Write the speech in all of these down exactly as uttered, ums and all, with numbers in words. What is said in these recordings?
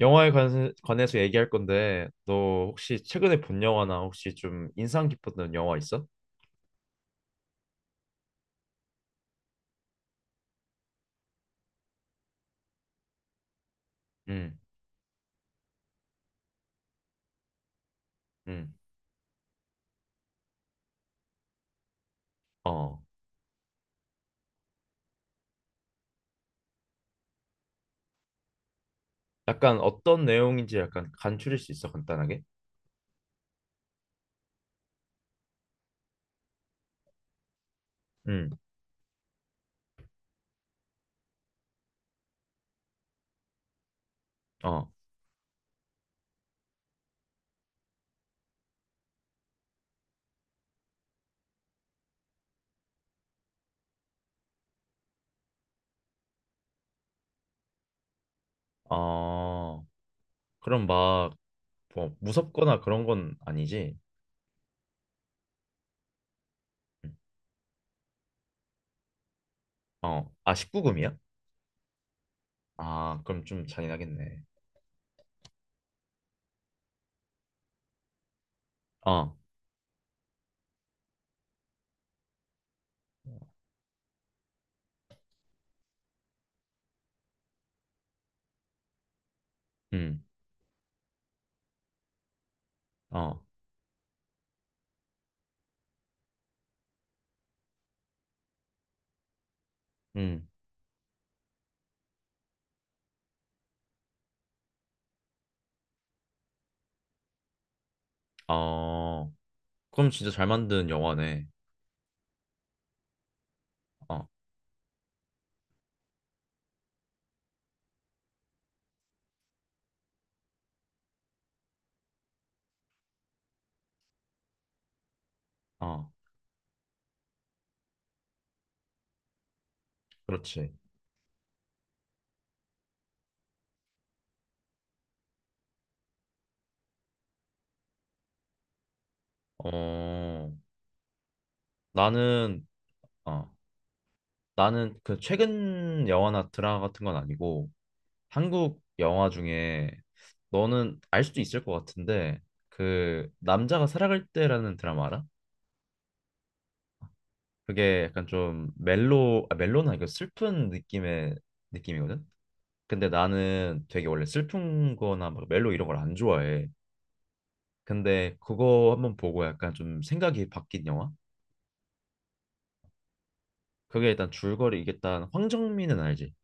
영화에 관, 관해서 얘기할 건데, 너 혹시 최근에 본 영화나 혹시 좀 인상 깊었던 영화 있어? 응. 응. 어. 약간 어떤 내용인지 약간 간추릴 수 있어, 간단하게? 응. 어. 어, 그럼 막, 뭐, 무섭거나 그런 건 아니지? 응. 어, 아, 십구 금이야? 아, 그럼 좀 잔인하겠네. 어. 음. 어. 음. 어. 그럼 진짜 잘 만든 영화네. 어. 어. 그렇지. 어. 나는, 어, 나는 그 최근 영화나 드라마 같은 건 아니고, 한국 영화 중에 너는 알 수도 있을 것 같은데, 그 남자가 살아갈 때라는 드라마 알아? 그게 약간 좀 멜로, 아 멜로는 아니고 슬픈 느낌의 느낌이거든. 근데 나는 되게 원래 슬픈 거나 막 멜로 이런 걸 안 좋아해. 근데 그거 한번 보고 약간 좀 생각이 바뀐 영화? 그게 일단 줄거리, 이게 일단 황정민은 알지?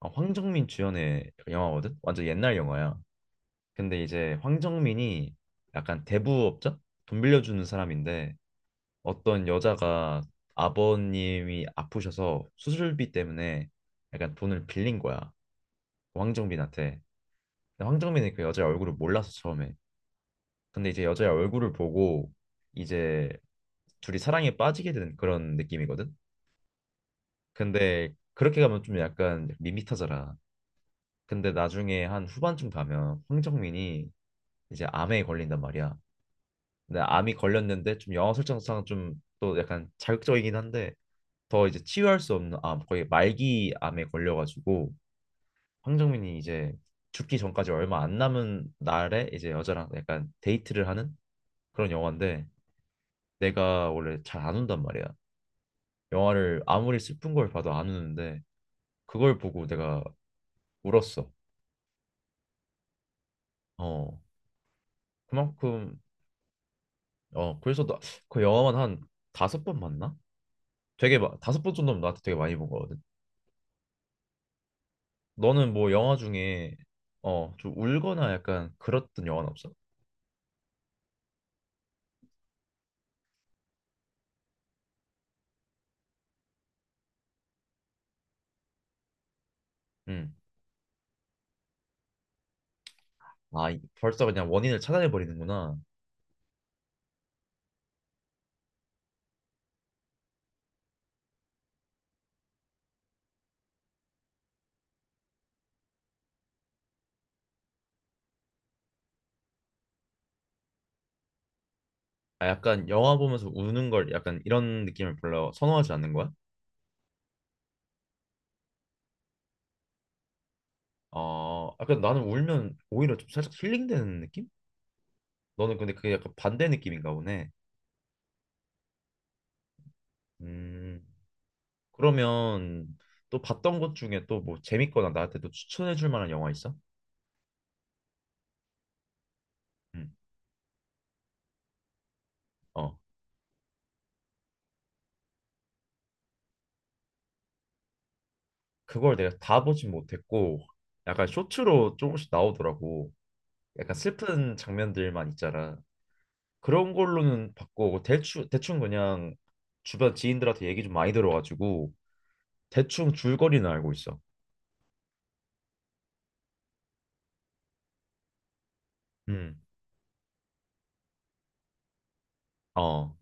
아, 황정민 주연의 영화거든. 완전 옛날 영화야. 근데 이제 황정민이 약간 대부업자? 돈 빌려주는 사람인데, 어떤 여자가 아버님이 아프셔서 수술비 때문에 약간 돈을 빌린 거야. 황정민한테. 근데 황정민이 그 여자의 얼굴을 몰라서 처음에. 근데 이제 여자의 얼굴을 보고 이제 둘이 사랑에 빠지게 되는 그런 느낌이거든. 근데 그렇게 가면 좀 약간 밋밋하잖아. 근데 나중에 한 후반쯤 가면 황정민이 이제 암에 걸린단 말이야. 근데 암이 걸렸는데 좀 영화 설정상 좀 또 약간 자극적이긴 한데, 더 이제 치유할 수 없는 암, 거의 말기 암에 걸려가지고 황정민이 이제 죽기 전까지 얼마 안 남은 날에 이제 여자랑 약간 데이트를 하는 그런 영화인데, 내가 원래 잘 안 운단 말이야. 영화를 아무리 슬픈 걸 봐도 안 우는데 그걸 보고 내가 울었어. 어. 그만큼. 어, 그래서 나, 그 영화만 한 다섯 번 봤나? 되게 마, 다섯 번 정도면 나한테 되게 많이 본 거거든. 너는 뭐 영화 중에, 어, 좀 울거나 약간 그랬던 영화는 없어? 음. 아, 이- 벌써 그냥 원인을 찾아내 버리는구나. 아, 약간 영화 보면서 우는 걸, 약간 이런 느낌을 별로 선호하지 않는 거야? 어, 약간 나는 울면 오히려 좀 살짝 힐링되는 느낌? 너는 근데 그게 약간 반대 느낌인가 보네. 음. 그러면 또 봤던 것 중에 또 뭐 재밌거나 나한테 또 추천해 줄 만한 영화 있어? 음. 어. 그걸 내가 다 보진 못했고 약간 쇼츠로 조금씩 나오더라고. 약간 슬픈 장면들만 있잖아. 그런 걸로는 바꾸고 대충 대충 그냥 주변 지인들한테 얘기 좀 많이 들어가지고 대충 줄거리는 알고 있어. 음. 어.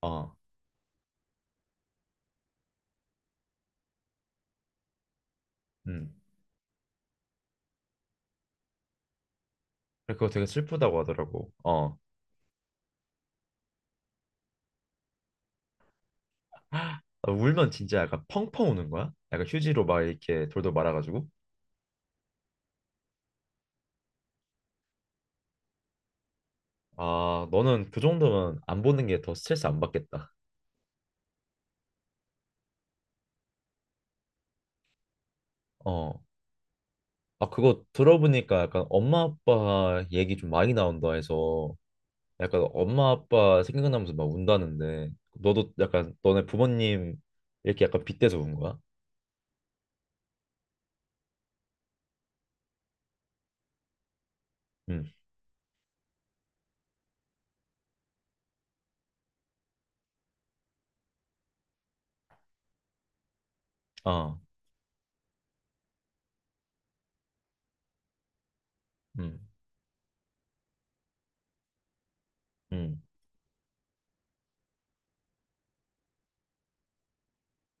어. 음. 그거 되게 슬프다고 하더라고. 어. 아, 울면 진짜 약간 펑펑 우는 거야? 약간 휴지로 막 이렇게 돌돌 말아가지고. 아, 너는 그 정도면 안 보는 게 더 스트레스 안 받겠다. 어. 아, 그거 들어보니까 약간 엄마 아빠 얘기 좀 많이 나온다 해서. 약간 엄마 아빠 생각나면서 막 운다는데 너도 약간 너네 부모님 이렇게 약간 빗대서 운 거야? 응. 아. 응. 응.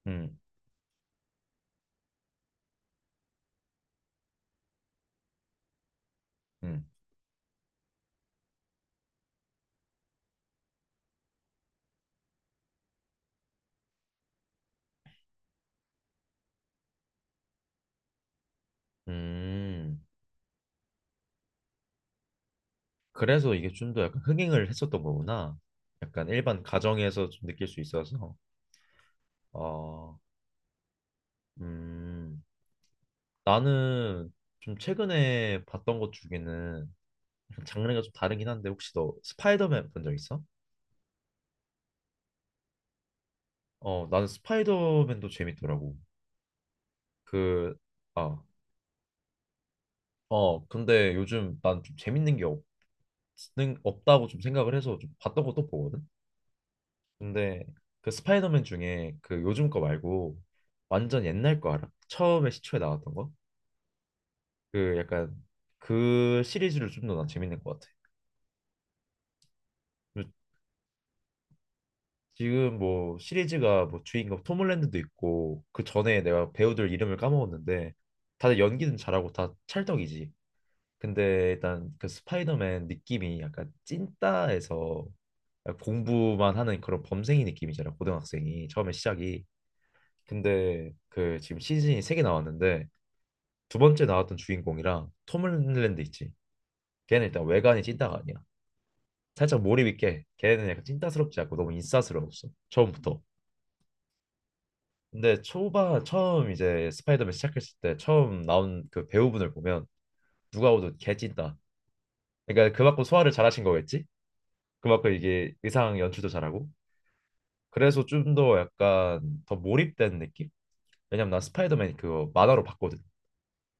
응. 응. 음. 그래서 이게 좀 더 약간 흥행을 했었던 거구나. 약간 일반 가정에서 좀 느낄 수 있어서. 아. 음. 나는 좀 최근에 봤던 것 중에는 약간 장르가 좀 다르긴 한데, 혹시 너 스파이더맨 본 적 있어? 어, 나는 스파이더맨도 재밌더라고. 그 아, 어, 근데 요즘 난 좀 재밌는 게 없는, 없다고 좀 생각을 해서 좀 봤던 것도 보거든? 근데 그 스파이더맨 중에 그 요즘 거 말고 완전 옛날 거 알아? 처음에 시초에 나왔던 거? 그 약간 그 시리즈를 좀 더 난 재밌는 것 같아. 그리고 지금 뭐 시리즈가, 뭐 주인공 톰 홀랜드도 있고, 그 전에 내가 배우들 이름을 까먹었는데 다들 연기는 잘하고 다 찰떡이지. 근데 일단 그 스파이더맨 느낌이 약간 찐따에서 공부만 하는 그런 범생이 느낌이잖아, 고등학생이 처음에 시작이. 근데 그 지금 시즌이 세 개 나왔는데, 두 번째 나왔던 주인공이랑 톰 h 랜드 있지, 걔는 일단 외관이 찐따가 아니야. 살짝 몰입 있게, 걔는 약간 찐따스럽지 않고 너무 인싸스러웠어, 처음부터. 근데 초반 처음 이제 스파이더맨 시작했을 때 처음 나온 그 배우분을 보면 누가 봐도 개 찐따. 그러니까 그 받고 소화를 잘하신 거겠지. 그만큼 이게 의상 연출도 잘하고, 그래서 좀 더 약간 더 몰입된 느낌? 왜냐면 난 스파이더맨 그거 만화로 봤거든.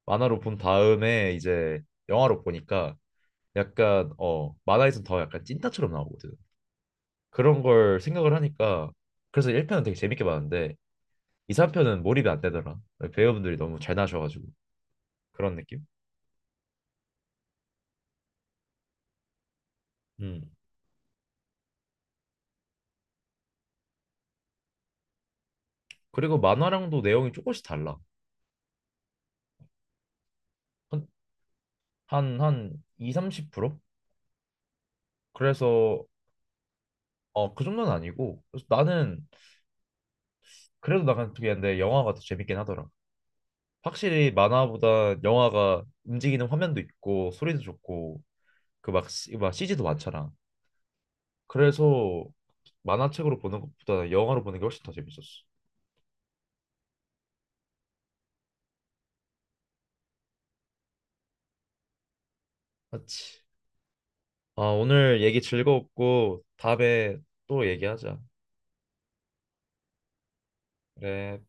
만화로 본 다음에 이제 영화로 보니까 약간, 어, 만화에선 더 약간 찐따처럼 나오거든. 그런 걸 생각을 하니까, 그래서 일 편은 되게 재밌게 봤는데 이, 삼 편은 몰입이 안 되더라. 배우분들이 너무 잘 나셔가지고 그런 느낌? 음. 그리고 만화랑도 내용이 조금씩 달라. 한, 한, 한 이, 삼십 프로? 그래서, 어, 그 정도는 아니고, 그래서 나는 그래도 나간 쪽이었는데 영화가 더 재밌긴 하더라. 확실히 만화보다 영화가 움직이는 화면도 있고 소리도 좋고 그막 막 씨지도 많잖아. 그래서 만화책으로 보는 것보다 영화로 보는 게 훨씬 더 재밌었어. 맞지. 아, 오늘 얘기 즐거웠고 다음에 또 얘기하자. 그래.